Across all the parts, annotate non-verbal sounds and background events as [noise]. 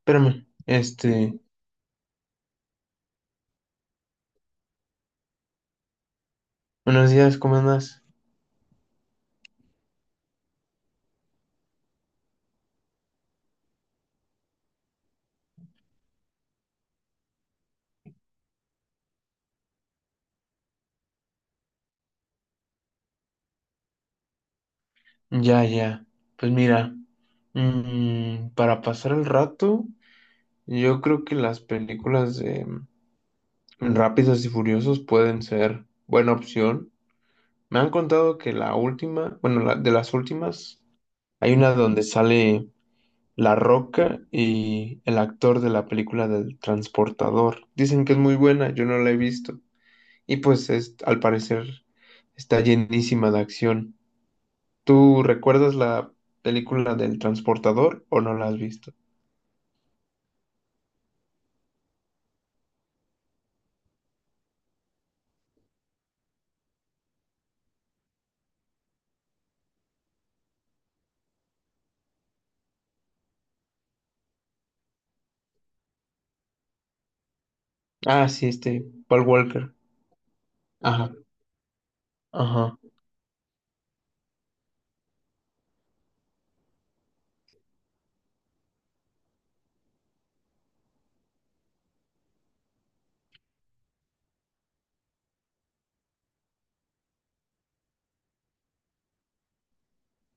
Espérame, este, buenos días, ¿cómo andas? Ya, ya, pues mira, para pasar el rato, yo creo que las películas de Rápidos y Furiosos pueden ser buena opción. Me han contado que la última, bueno, de las últimas, hay una donde sale La Roca y el actor de la película del Transportador. Dicen que es muy buena, yo no la he visto. Y pues es, al parecer está llenísima de acción. ¿Tú recuerdas la película del transportador o no la has visto? Ah, sí, este, Paul Walker. Ajá, ajá,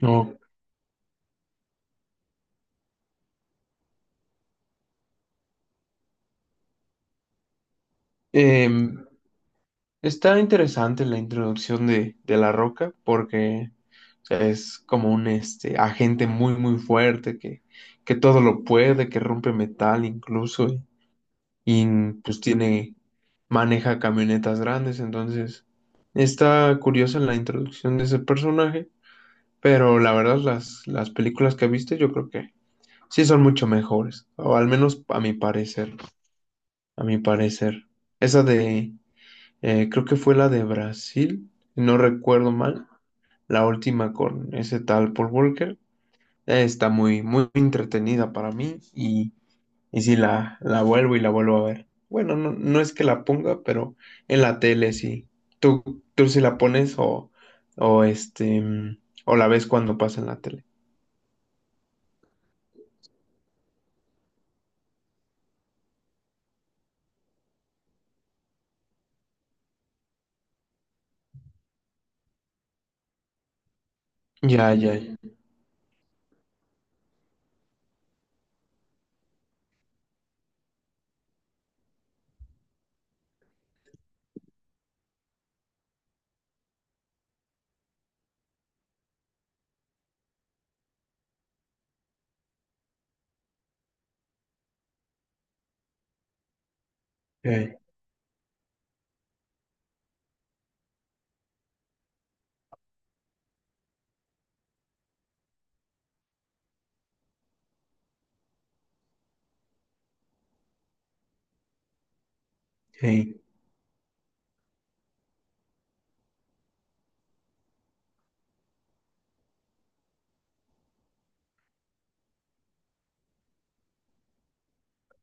no. Em, Está interesante la introducción de, La Roca porque, o sea, es como un este, agente muy, muy fuerte que todo lo puede, que rompe metal incluso y pues tiene, maneja camionetas grandes, entonces está curiosa la introducción de ese personaje. Pero la verdad, las películas que viste, yo creo que sí son mucho mejores. O al menos a mi parecer. A mi parecer. Esa de, creo que fue la de Brasil, si no recuerdo mal. La última con ese tal Paul Walker. Está muy, muy entretenida para mí. Y sí la vuelvo y la vuelvo a ver. Bueno, no, no es que la ponga, pero en la tele sí. Tú sí la pones o este, o la ves cuando pasa en la tele. Ya, ya, sí, sí,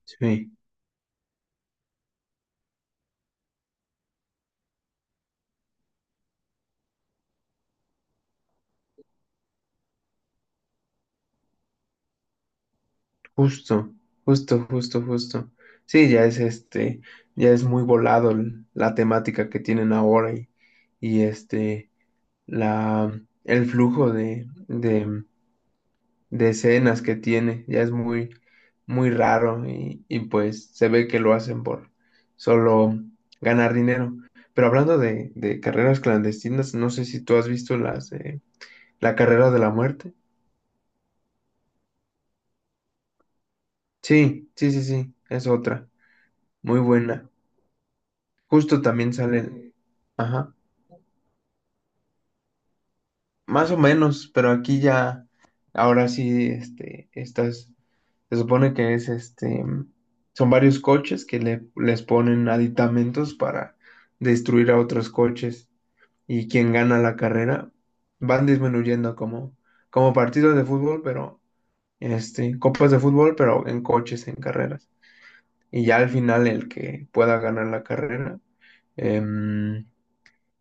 sí, justo, justo, justo, justo. Sí, ya es este, ya es muy volado la temática que tienen ahora y este, la, el flujo de, de escenas que tiene, ya es muy, muy raro y pues se ve que lo hacen por solo ganar dinero. Pero hablando de carreras clandestinas, no sé si tú has visto las de la carrera de la muerte. Sí, sí, sí, sí, es otra. Muy buena. Justo también salen, ajá, más o menos, pero aquí ya, ahora sí, este, estas, se supone que es este, son varios coches que les ponen aditamentos para destruir a otros coches y quien gana la carrera van disminuyendo como, como partidos de fútbol, pero, este, copas de fútbol, pero en coches, en carreras. Y ya al final el que pueda ganar la carrera. em,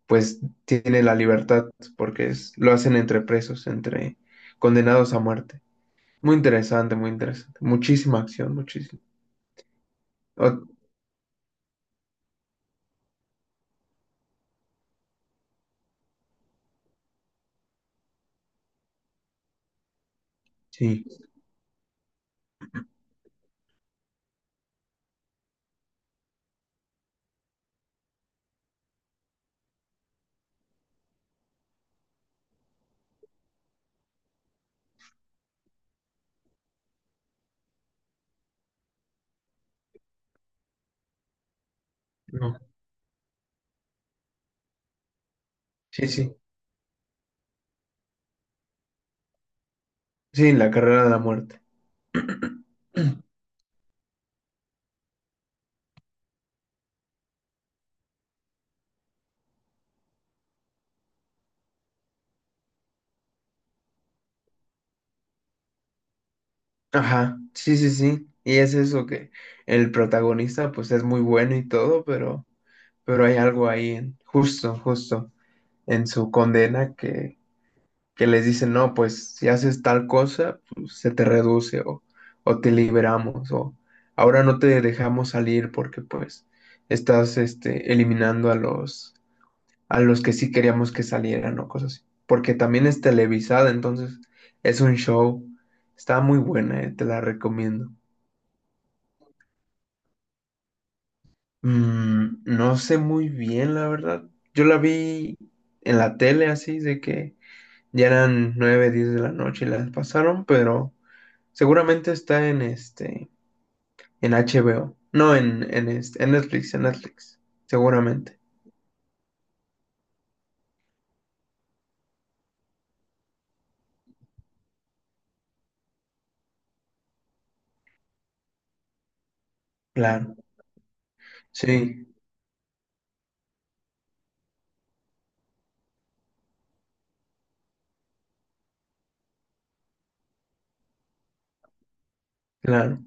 pues tiene la libertad porque es, lo hacen entre presos, entre condenados a muerte. Muy interesante, muy interesante. Muchísima acción, muchísimo. Oh, sí, no, sí, sí. Sí, la carrera de la muerte. [clears throat] Ajá, sí, sí, sí. Y es eso que el protagonista pues es muy bueno y todo, pero hay algo ahí en- justo, justo en su condena que les dicen, no, pues si haces tal cosa, pues, se te reduce o te liberamos o ahora no te dejamos salir porque pues estás este, eliminando a los que sí queríamos que salieran o cosas así. Porque también es televisada, entonces es un show. Está muy buena, te la recomiendo. No sé muy bien, la verdad. Yo la vi en la tele así, de que ya eran 9 10 de la noche y las pasaron, pero seguramente está en este, en HBO. No, en, este, en Netflix, en Netflix. Seguramente. Claro. Sí, claro.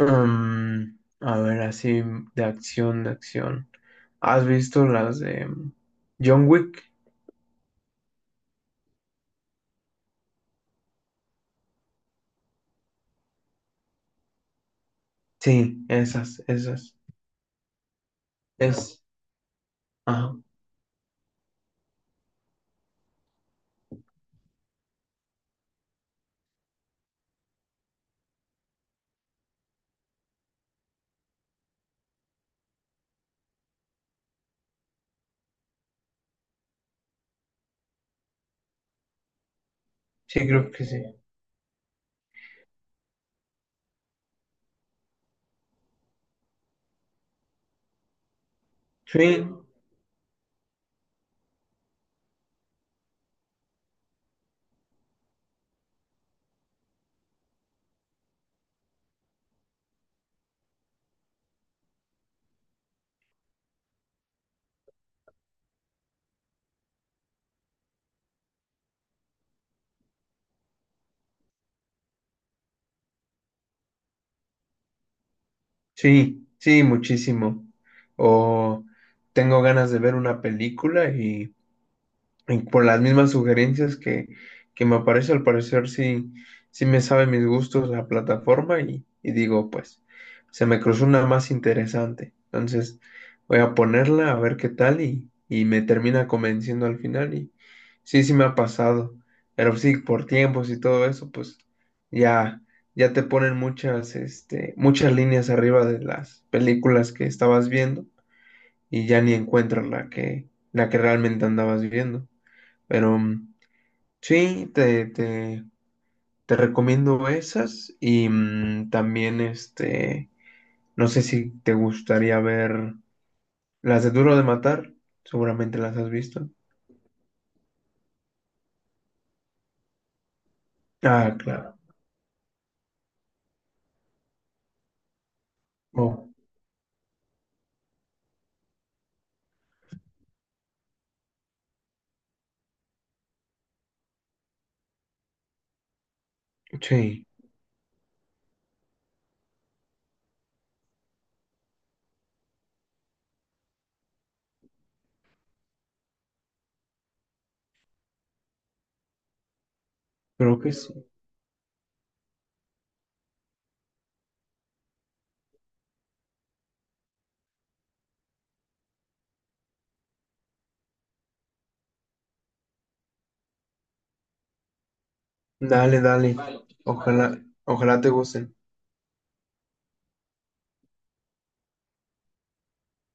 A ver, así de acción, de acción. ¿Has visto las de John Wick? Sí, esas, esas. Es. Ajá. Sí, creo que sí. Sí, sí, sí, muchísimo. O tengo ganas de ver una película. Y por las mismas sugerencias que me aparece, al parecer sí, sí me sabe mis gustos la plataforma y digo, pues, se me cruzó una más interesante. Entonces, voy a ponerla a ver qué tal y me termina convenciendo al final. Y sí, sí me ha pasado. Pero sí, por tiempos y todo eso, pues ya, ya te ponen muchas, este, muchas líneas arriba de las películas que estabas viendo y ya ni encuentras la que realmente andabas viendo. Pero sí, te, te recomiendo esas y también este, no sé si te gustaría ver las de Duro de Matar, seguramente las has visto. Ah, claro. Oh, sí, creo que sí. Dale, dale. Ojalá, ojalá te gusten.